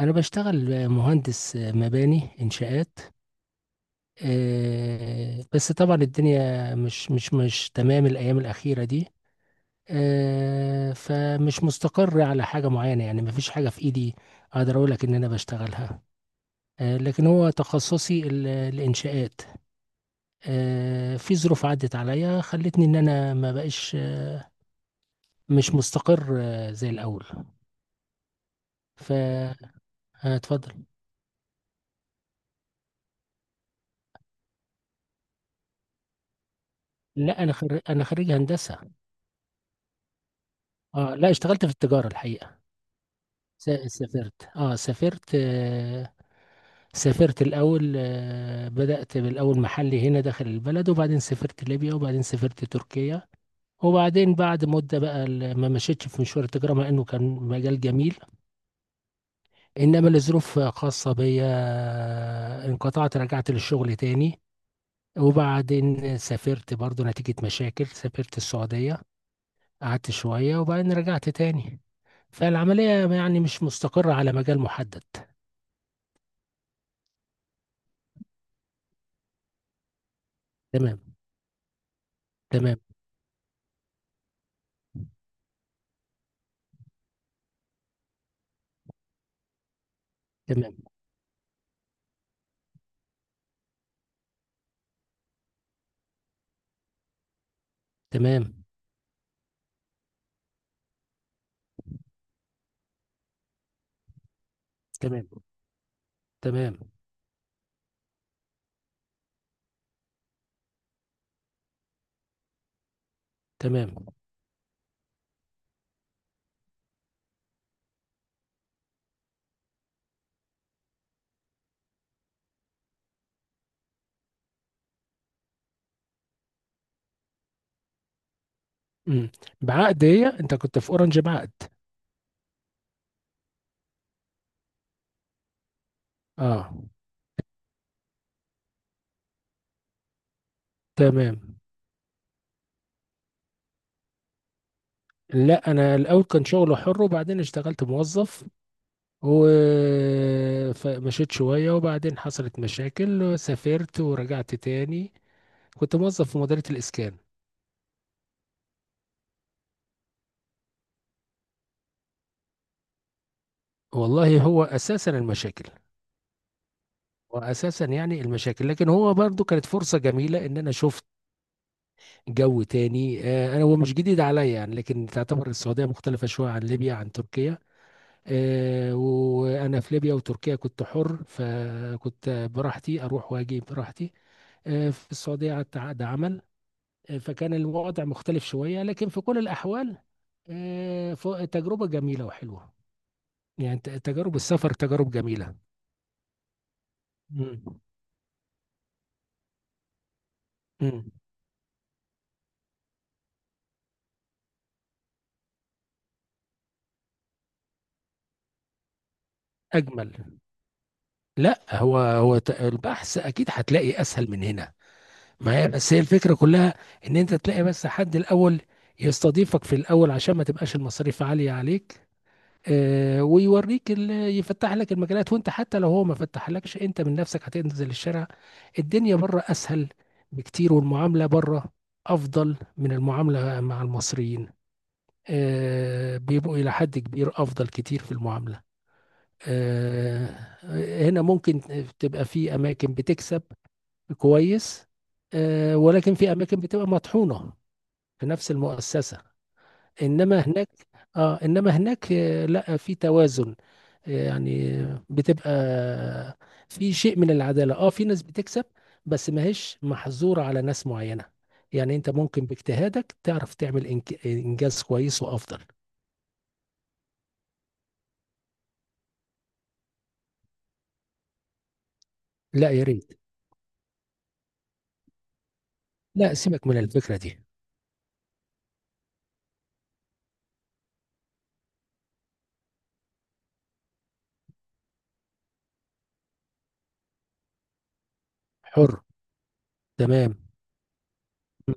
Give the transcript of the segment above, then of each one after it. أنا بشتغل مهندس مباني إنشاءات. بس طبعا الدنيا مش تمام الأيام الأخيرة دي. فمش مستقر على حاجة معينة، يعني مفيش حاجة في إيدي أقدر أقول لك إن أنا بشتغلها. لكن هو تخصصي الإنشاءات. في ظروف عدت عليا خلتني إن أنا ما بقاش مش مستقر، زي الأول. فاتفضل. لا، أنا أنا خريج هندسة. اه، لا، اشتغلت في التجارة الحقيقة. س- سافرت اه سافرت آه، سافرت الأول. بدأت بالأول محلي هنا داخل البلد، وبعدين سافرت ليبيا، وبعدين سافرت تركيا. وبعدين بعد مدة بقى، ما مشيتش في مشوار التجارة مع إنه كان مجال جميل. إنما لظروف خاصة بيا، انقطعت، رجعت للشغل تاني. وبعدين سافرت برضو نتيجة مشاكل، سافرت السعودية، قعدت شوية وبعدين رجعت تاني. فالعملية يعني مش مستقرة على مجال محدد. تمام. تمام. تمام. تمام. تمام. تمام. تمام. امم. بعقد؟ هي انت كنت في اورنج بعقد؟ اه. تمام. لا، انا الاول كان شغل حر، وبعدين اشتغلت موظف ومشيت شويه، وبعدين حصلت مشاكل وسافرت ورجعت تاني. كنت موظف في مديريه الاسكان. والله هو اساسا المشاكل، واساسا يعني المشاكل، لكن هو برضو كانت فرصه جميله ان انا شفت جو تاني. انا هو مش جديد عليا يعني، لكن تعتبر السعوديه مختلفه شويه عن ليبيا، عن تركيا. وانا في ليبيا وتركيا كنت حر، فكنت براحتي اروح واجي براحتي. في السعوديه قعدت عقد عمل. فكان الوضع مختلف شويه، لكن في كل الاحوال، تجربه جميله وحلوه. يعني تجارب السفر تجارب جميله. مم. مم. اجمل. لا، هو البحث اكيد هتلاقي اسهل من هنا. ما هي بس هي الفكرة كلها، ان انت تلاقي بس حد الاول يستضيفك في الاول عشان ما تبقاش المصاريف عالية عليك. ويوريك، يفتح لك المجالات، وانت حتى لو هو ما فتحلكش انت من نفسك هتنزل الشارع. الدنيا بره اسهل بكتير، والمعاملة بره افضل من المعاملة مع المصريين. بيبقوا الى حد كبير افضل كتير في المعاملة. آه هنا ممكن تبقى في اماكن بتكسب كويس، ولكن في اماكن بتبقى مطحونه في نفس المؤسسه. انما هناك اه انما هناك، لا، في توازن. يعني بتبقى، في شيء من العداله، في ناس بتكسب بس ما هيش محظوره على ناس معينه. يعني انت ممكن باجتهادك تعرف تعمل انجاز كويس وافضل. لا يا ريت، لا سيبك من الفكره دي. حر. تمام. مم.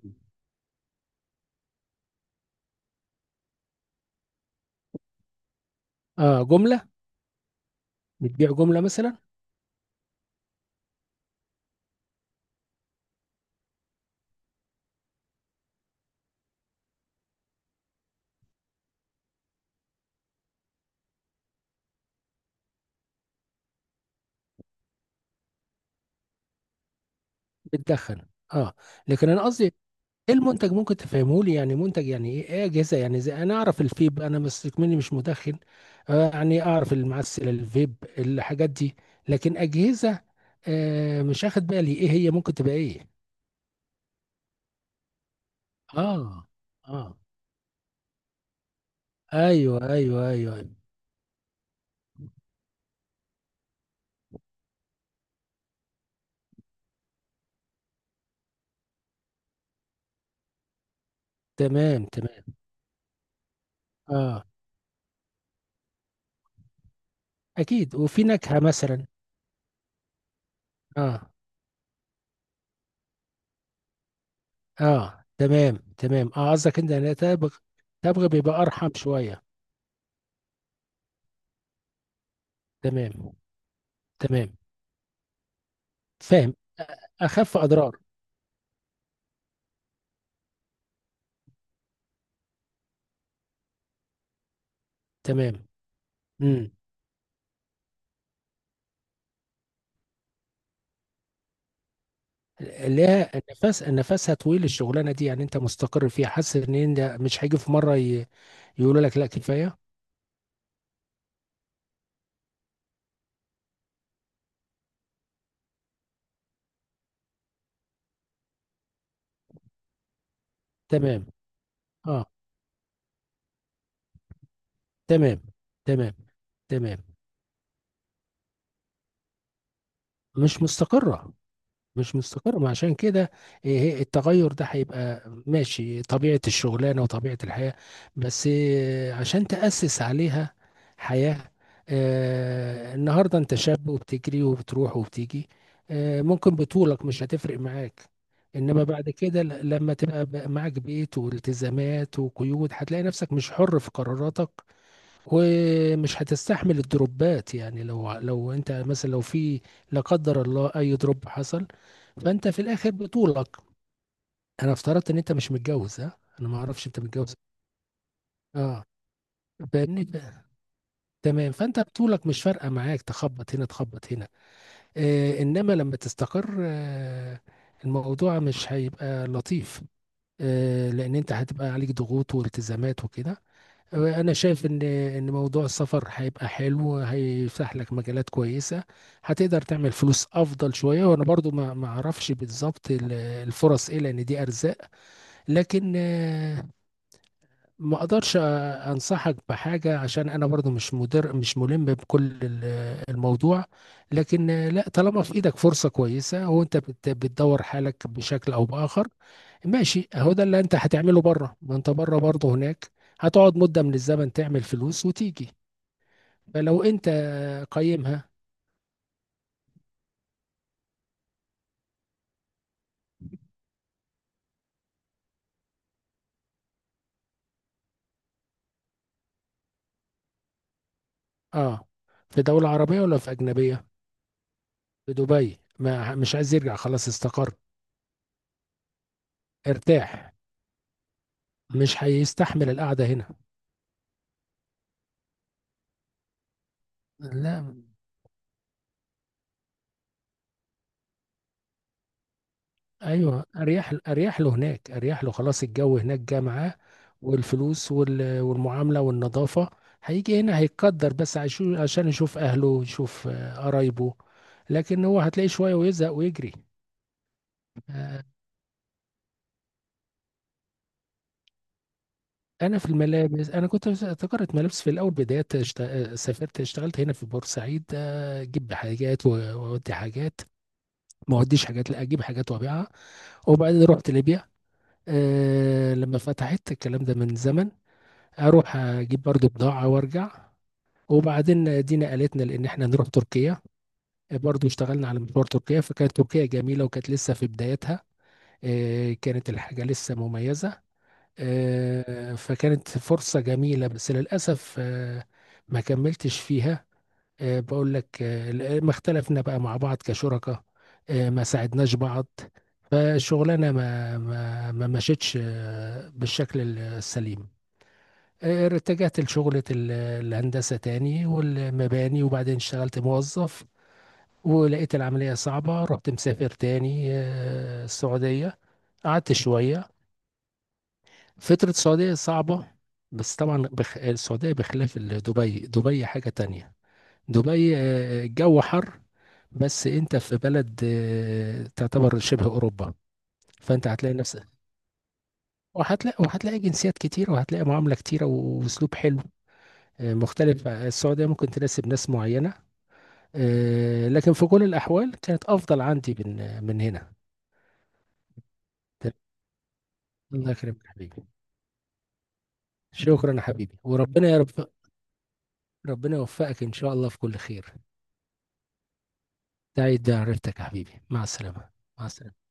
اه، جمله. بتبيع جمله مثلا؟ بتدخن؟ اه. لكن انا قصدي، ايه المنتج؟ ممكن تفهمه لي؟ يعني منتج يعني ايه؟ اجهزه يعني؟ زي، انا اعرف الفيب، انا بس مني مش مدخن. يعني اعرف المعسل، الفيب، الحاجات دي، لكن اجهزه، مش اخد بالي ايه هي ممكن تبقى ايه. اه. اه. ايوه، ايوه، ايوه, أيوة. تمام. تمام. اه، اكيد، وفي نكهه مثلا. اه. اه. تمام. تمام. اه، قصدك انت انا تبغ. تبغ بيبقى ارحم شويه. تمام. تمام. فاهم. أ- اخف اضرار. تمام. امم. ليها النفس؟ نفسها طويل الشغلانه دي؟ يعني انت مستقر فيها؟ حاسس ان انت مش هيجي في مره يقولوا لك لا كفايه؟ تمام. اه. تمام. تمام. تمام. مش مستقره. مش مستقر، ما عشان كده. التغير ده هيبقى ماشي طبيعة الشغلانة وطبيعة الحياة، بس عشان تأسس عليها حياة. النهاردة انت شاب وبتجري وبتروح وبتيجي. ممكن بطولك مش هتفرق معاك. انما بعد كده، لما تبقى بقى معاك بيت والتزامات وقيود هتلاقي نفسك مش حر في قراراتك، ومش هتستحمل الدروبات. يعني، لو انت مثلا، لو في، لا قدر الله، اي دروب حصل، فانت في الاخر بطولك. انا افترضت ان انت مش متجوز، ها؟ انا ما اعرفش انت متجوز. اه. فاهمني. تمام. فانت بطولك مش فارقه معاك، تخبط هنا تخبط هنا. انما لما تستقر، الموضوع مش هيبقى لطيف. لان انت هتبقى عليك ضغوط والتزامات وكده. انا شايف ان موضوع السفر هيبقى حلو، هيفتح لك مجالات كويسه، هتقدر تعمل فلوس افضل شويه. وانا برضو ما اعرفش بالظبط الفرص ايه، لان دي ارزاق. لكن، ما اقدرش انصحك بحاجه، عشان انا برضو مش ملم بكل الموضوع. لكن لا، طالما في ايدك فرصه كويسه، وانت بتدور حالك بشكل او باخر، ماشي. اهو ده اللي انت هتعمله بره. ما انت بره برضه، هناك هتقعد مده من الزمن، تعمل فلوس وتيجي. فلو انت، قيمها. اه، في دوله عربيه ولا في اجنبيه؟ في دبي؟ ما مش عايز يرجع؟ خلاص استقر. ارتاح. مش هيستحمل القعده هنا. لا. ايوه، اريح، اريح له هناك، اريح له. خلاص الجو هناك جه معاه، والفلوس والمعامله والنظافه. هيجي هنا هيتقدر، بس عشان يشوف اهله، يشوف، قرايبه. لكن هو هتلاقيه شويه ويزهق ويجري. آه، انا كنت في تجاره ملابس في الاول، بدايه سافرت، اشتغلت هنا في بورسعيد. اجيب حاجات واودي حاجات. ما اوديش حاجات، لا، اجيب حاجات وابيعها. وبعدين رحت ليبيا. لما فتحت الكلام ده من زمن، اروح اجيب برضو بضاعة وارجع. وبعدين دينا قالتنا لان احنا نروح تركيا. برضو اشتغلنا على مشوار تركيا، فكانت تركيا جميلة وكانت لسه في بدايتها. كانت الحاجة لسه مميزة. فكانت فرصة جميلة، بس للأسف، ما كملتش فيها. بقول لك، ما اختلفنا بقى مع بعض كشركاء، ما ساعدناش بعض. فالشغلانة ما مشيتش بالشكل السليم. اتجهت لشغلة الهندسة تاني والمباني، وبعدين اشتغلت موظف، ولقيت العملية صعبة، رحت مسافر تاني، السعودية. قعدت شوية. فترة السعودية صعبة. بس طبعا السعودية بخلاف دبي. دبي حاجة تانية. دبي، الجو حر، بس انت في بلد، تعتبر شبه أوروبا. فانت هتلاقي نفسك، وهتلاقي جنسيات كتيرة، وهتلاقي معاملة كتيرة، وأسلوب حلو، مختلف. السعودية ممكن تناسب ناس معينة، لكن في كل الأحوال كانت أفضل عندي من هنا. الله يكرمك يا حبيبي. شكرا يا حبيبي، وربنا يا رب، ربنا يوفقك إن شاء الله في كل خير. سعيد بعرفتك يا حبيبي، مع السلامة. مع السلامة.